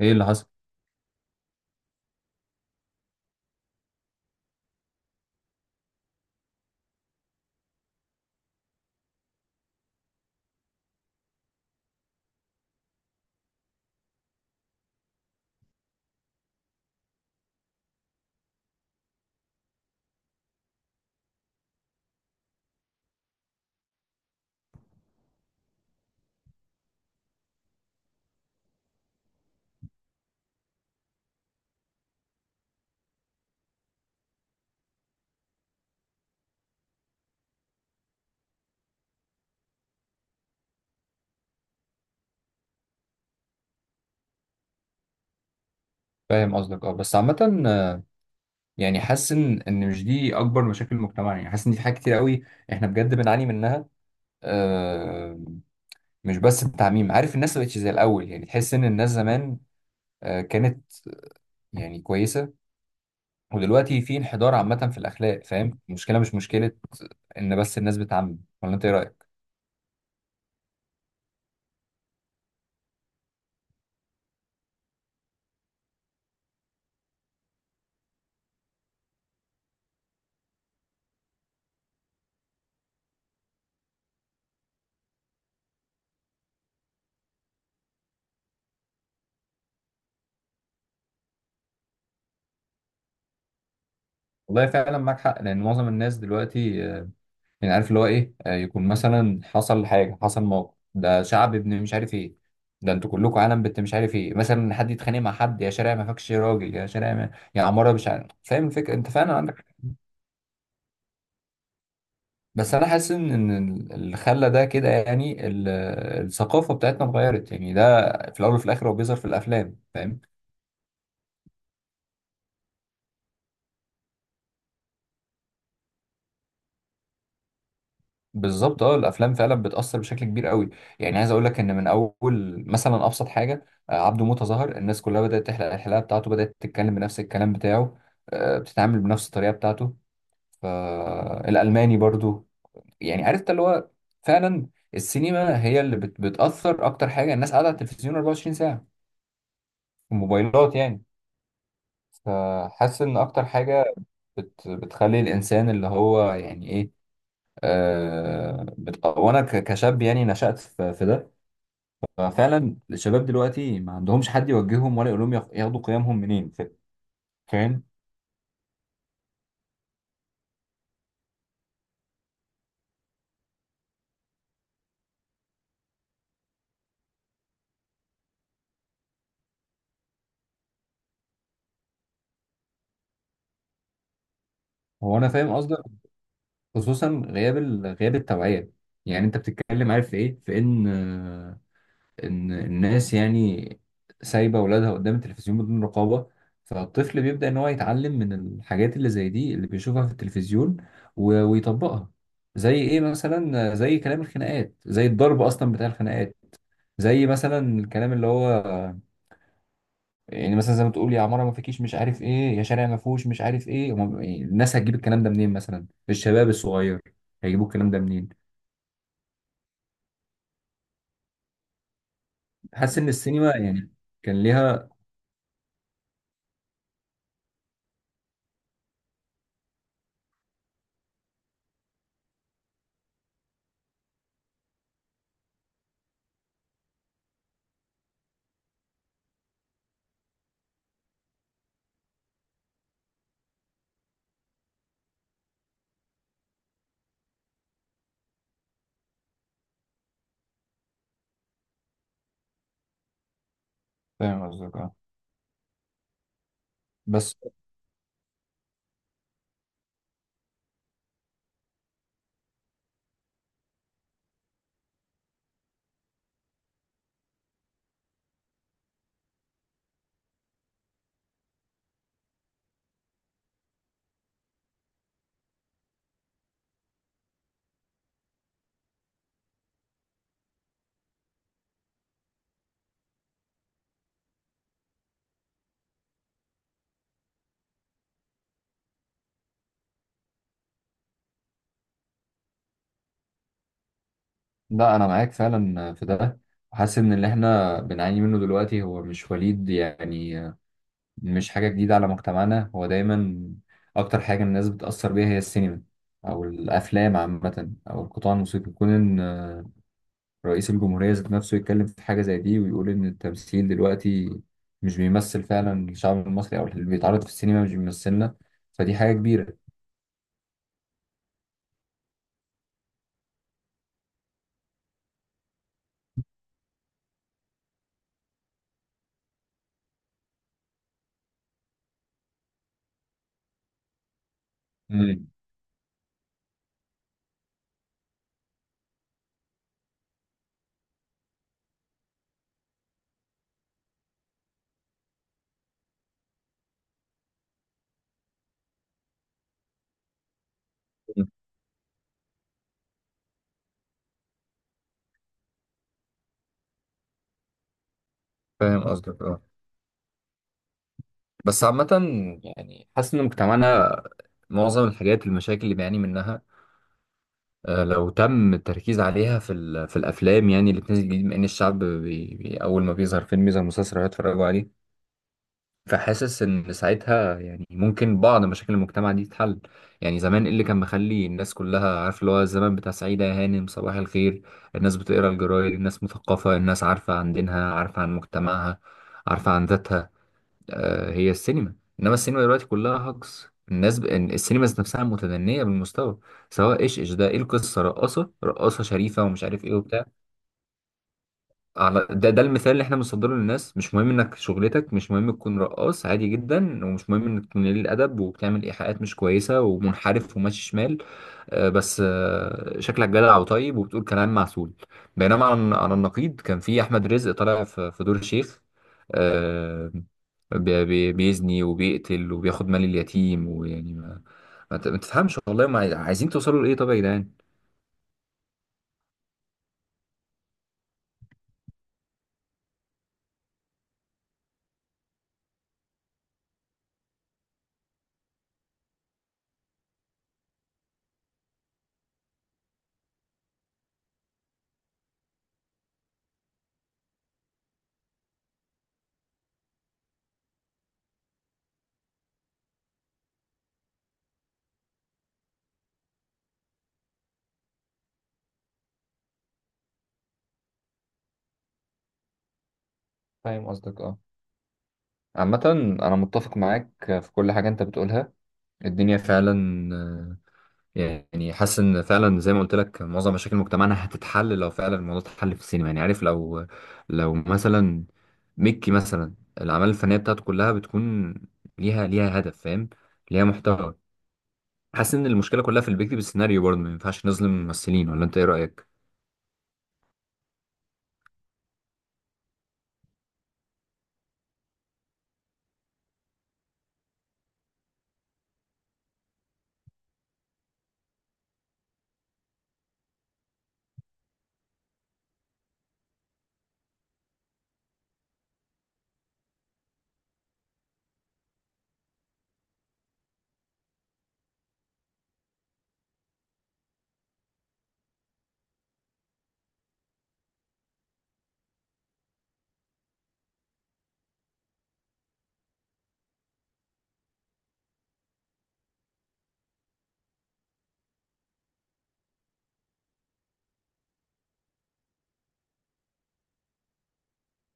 ايه اللي حصل؟ فاهم قصدك، اه. بس عامة، آه، يعني حاسس ان ان مش دي اكبر مشاكل المجتمع. يعني حاسس ان في حاجات كتير قوي احنا بجد بنعاني منها. آه مش بس التعميم، عارف. الناس ما بقتش زي الاول، يعني تحس ان الناس زمان كانت يعني كويسة، ودلوقتي في انحدار عامة في الاخلاق، فاهم؟ المشكلة مش مشكلة ان بس الناس بتعمم، ولا انت ايه رأيك؟ والله فعلا معاك حق، لان معظم الناس دلوقتي، يعني عارف اللي هو ايه، يكون مثلا حصل حاجه، حصل موقف، ده شعب ابن مش عارف ايه، ده انتوا كلكم عالم بنت مش عارف ايه. مثلا حد يتخانق مع حد: يا شارع ما فيكش راجل، يا شارع ما، يا عماره مش عارف. فاهم الفكره؟ انت فعلا عندك حق. بس انا حاسس ان إن اللي خلى ده كده يعني الثقافه بتاعتنا اتغيرت. يعني ده في الاول وفي الاخر هو بيظهر في الافلام، فاهم؟ بالظبط، اه. الافلام فعلا بتاثر بشكل كبير قوي. يعني عايز اقول لك ان من اول مثلا ابسط حاجه، عبده موته، ظهر الناس كلها بدات تحلق الحلاقه بتاعته، بدات تتكلم بنفس الكلام بتاعه، بتتعامل بنفس الطريقه بتاعته. فالالماني برضو، يعني عرفت اللي هو. فعلا السينما هي اللي بتاثر اكتر حاجه. الناس قاعده على التلفزيون 24 ساعه، الموبايلات، يعني. فحاسس ان اكتر حاجه بتخلي الانسان اللي هو يعني ايه، وانا كشاب يعني نشأت في ده. ففعلا الشباب دلوقتي ما عندهمش حد يوجههم ولا يقول لهم ياخدوا قيمهم منين. فاهم؟ هو انا فاهم قصدك. خصوصا غياب غياب التوعيه. يعني انت بتتكلم، عارف في ايه؟ في ان، ان الناس يعني سايبه اولادها قدام التلفزيون بدون رقابه، فالطفل بيبدا ان هو يتعلم من الحاجات اللي زي دي اللي بيشوفها في التلفزيون ويطبقها. زي ايه مثلا؟ زي كلام الخناقات، زي الضرب اصلا بتاع الخناقات، زي مثلا الكلام اللي هو يعني مثلا زي ما تقول يا عماره ما فيكيش مش عارف ايه، يا شارع ما فيهوش مش عارف ايه. يعني الناس هتجيب الكلام ده منين؟ مثلا الشباب الصغير هيجيبوا الكلام ده منين؟ حاسس ان السينما يعني كان ليها. فاهم قصدك، اه. بس لا، انا معاك فعلا في ده. حاسس ان اللي احنا بنعاني منه دلوقتي هو مش وليد، يعني مش حاجه جديده على مجتمعنا. هو دايما اكتر حاجه الناس بتاثر بيها هي السينما او الافلام عامه او القطاع الموسيقي. كون ان رئيس الجمهورية ذات نفسه يتكلم في حاجة زي دي ويقول إن التمثيل دلوقتي مش بيمثل فعلا الشعب المصري، أو اللي بيتعرض في السينما مش بيمثلنا، فدي حاجة كبيرة. مم. فاهم قصدك، اه. بس عامة، يعني حاسس إن مجتمعنا معظم الحاجات، المشاكل اللي بيعاني منها، لو تم التركيز عليها في في الأفلام يعني اللي بتنزل جديد، مع إن الشعب بي أول ما بيظهر فيلم يظهر مسلسل هيتفرجوا عليه. فحاسس ان ساعتها يعني ممكن بعض مشاكل المجتمع دي تتحل. يعني زمان إيه اللي كان مخلي الناس كلها، عارف اللي هو، الزمن بتاع سعيدة يا هانم صباح الخير. الناس بتقرا الجرايد، الناس مثقفة، الناس عارفة عن دينها، عارفة عن مجتمعها، عارفة عن ذاتها. آه، هي السينما. انما السينما دلوقتي كلها هجص. الناس إن السينما ذات نفسها متدنية بالمستوى. سواء ايش ده، ايه القصة؟ رقاصة شريفة ومش عارف ايه وبتاع. على ده، ده المثال اللي احنا بنصدره للناس: مش مهم انك شغلتك، مش مهم تكون رقاص عادي جدا، ومش مهم انك تكون قليل الادب وبتعمل ايحاءات مش كويسه ومنحرف وماشي شمال، آه، بس آه، شكلك جدع وطيب وبتقول كلام معسول. بينما على النقيض كان في احمد رزق طالع في دور الشيخ، آه، بيزني وبيقتل وبياخد مال اليتيم ويعني ما تفهمش والله ما عايزين توصلوا لايه طب يا جدعان؟ فاهم قصدك، اه. عامة أنا متفق معاك في كل حاجة أنت بتقولها. الدنيا فعلا، آه، يعني حاسس ان فعلا زي ما قلت لك، معظم مشاكل مجتمعنا هتتحل لو فعلا الموضوع اتحل في السينما. يعني عارف، لو مثلا ميكي مثلا، الاعمال الفنيه بتاعته كلها بتكون ليها هدف، فاهم، ليها محتوى. حاسس ان المشكله كلها في اللي بيكتب السيناريو، برضه ما ينفعش نظلم الممثلين، ولا انت ايه رايك؟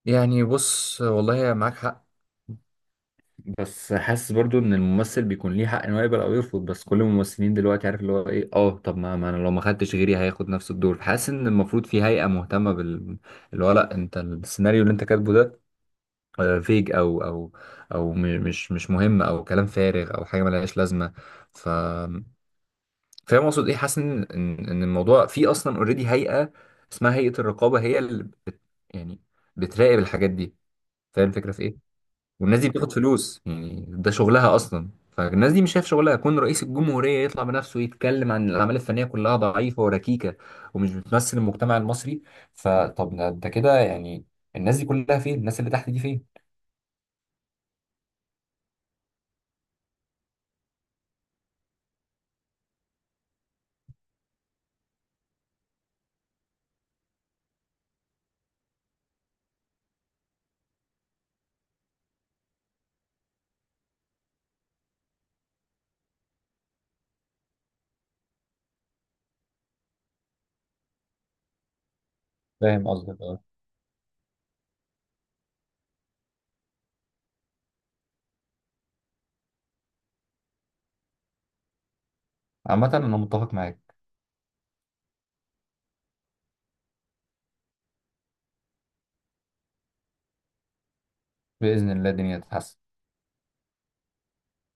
يعني بص، والله معاك حق، بس حاسس برضو ان الممثل بيكون ليه حق ان هو يقبل او يرفض. بس كل الممثلين دلوقتي عارف اللي هو ايه، اه طب ما, ما انا لو ما خدتش غيري هياخد نفس الدور. فحاسس ان المفروض في هيئة مهتمة بال، اللي هو لا انت السيناريو اللي انت كاتبه ده فيك او او مش مهم، او كلام فارغ، او حاجه ملهاش لازمه. ف فاهم اقصد ايه؟ حاسس ان إن الموضوع في اصلا اوريدي هيئه اسمها هيئه الرقابه، هي اللي بت... يعني بتراقب الحاجات دي. فاهم الفكره في ايه؟ والناس دي بتاخد فلوس، يعني ده شغلها اصلا. فالناس دي مش شايف شغلها يكون رئيس الجمهورية يطلع بنفسه يتكلم عن الأعمال الفنية كلها ضعيفة وركيكة ومش بتمثل المجتمع المصري؟ فطب ده انت كده يعني، الناس دي كلها فين؟ الناس اللي تحت دي فين؟ فاهم قصدك، اه. عامة أنا متفق معاك. بإذن الله الدنيا تتحسن.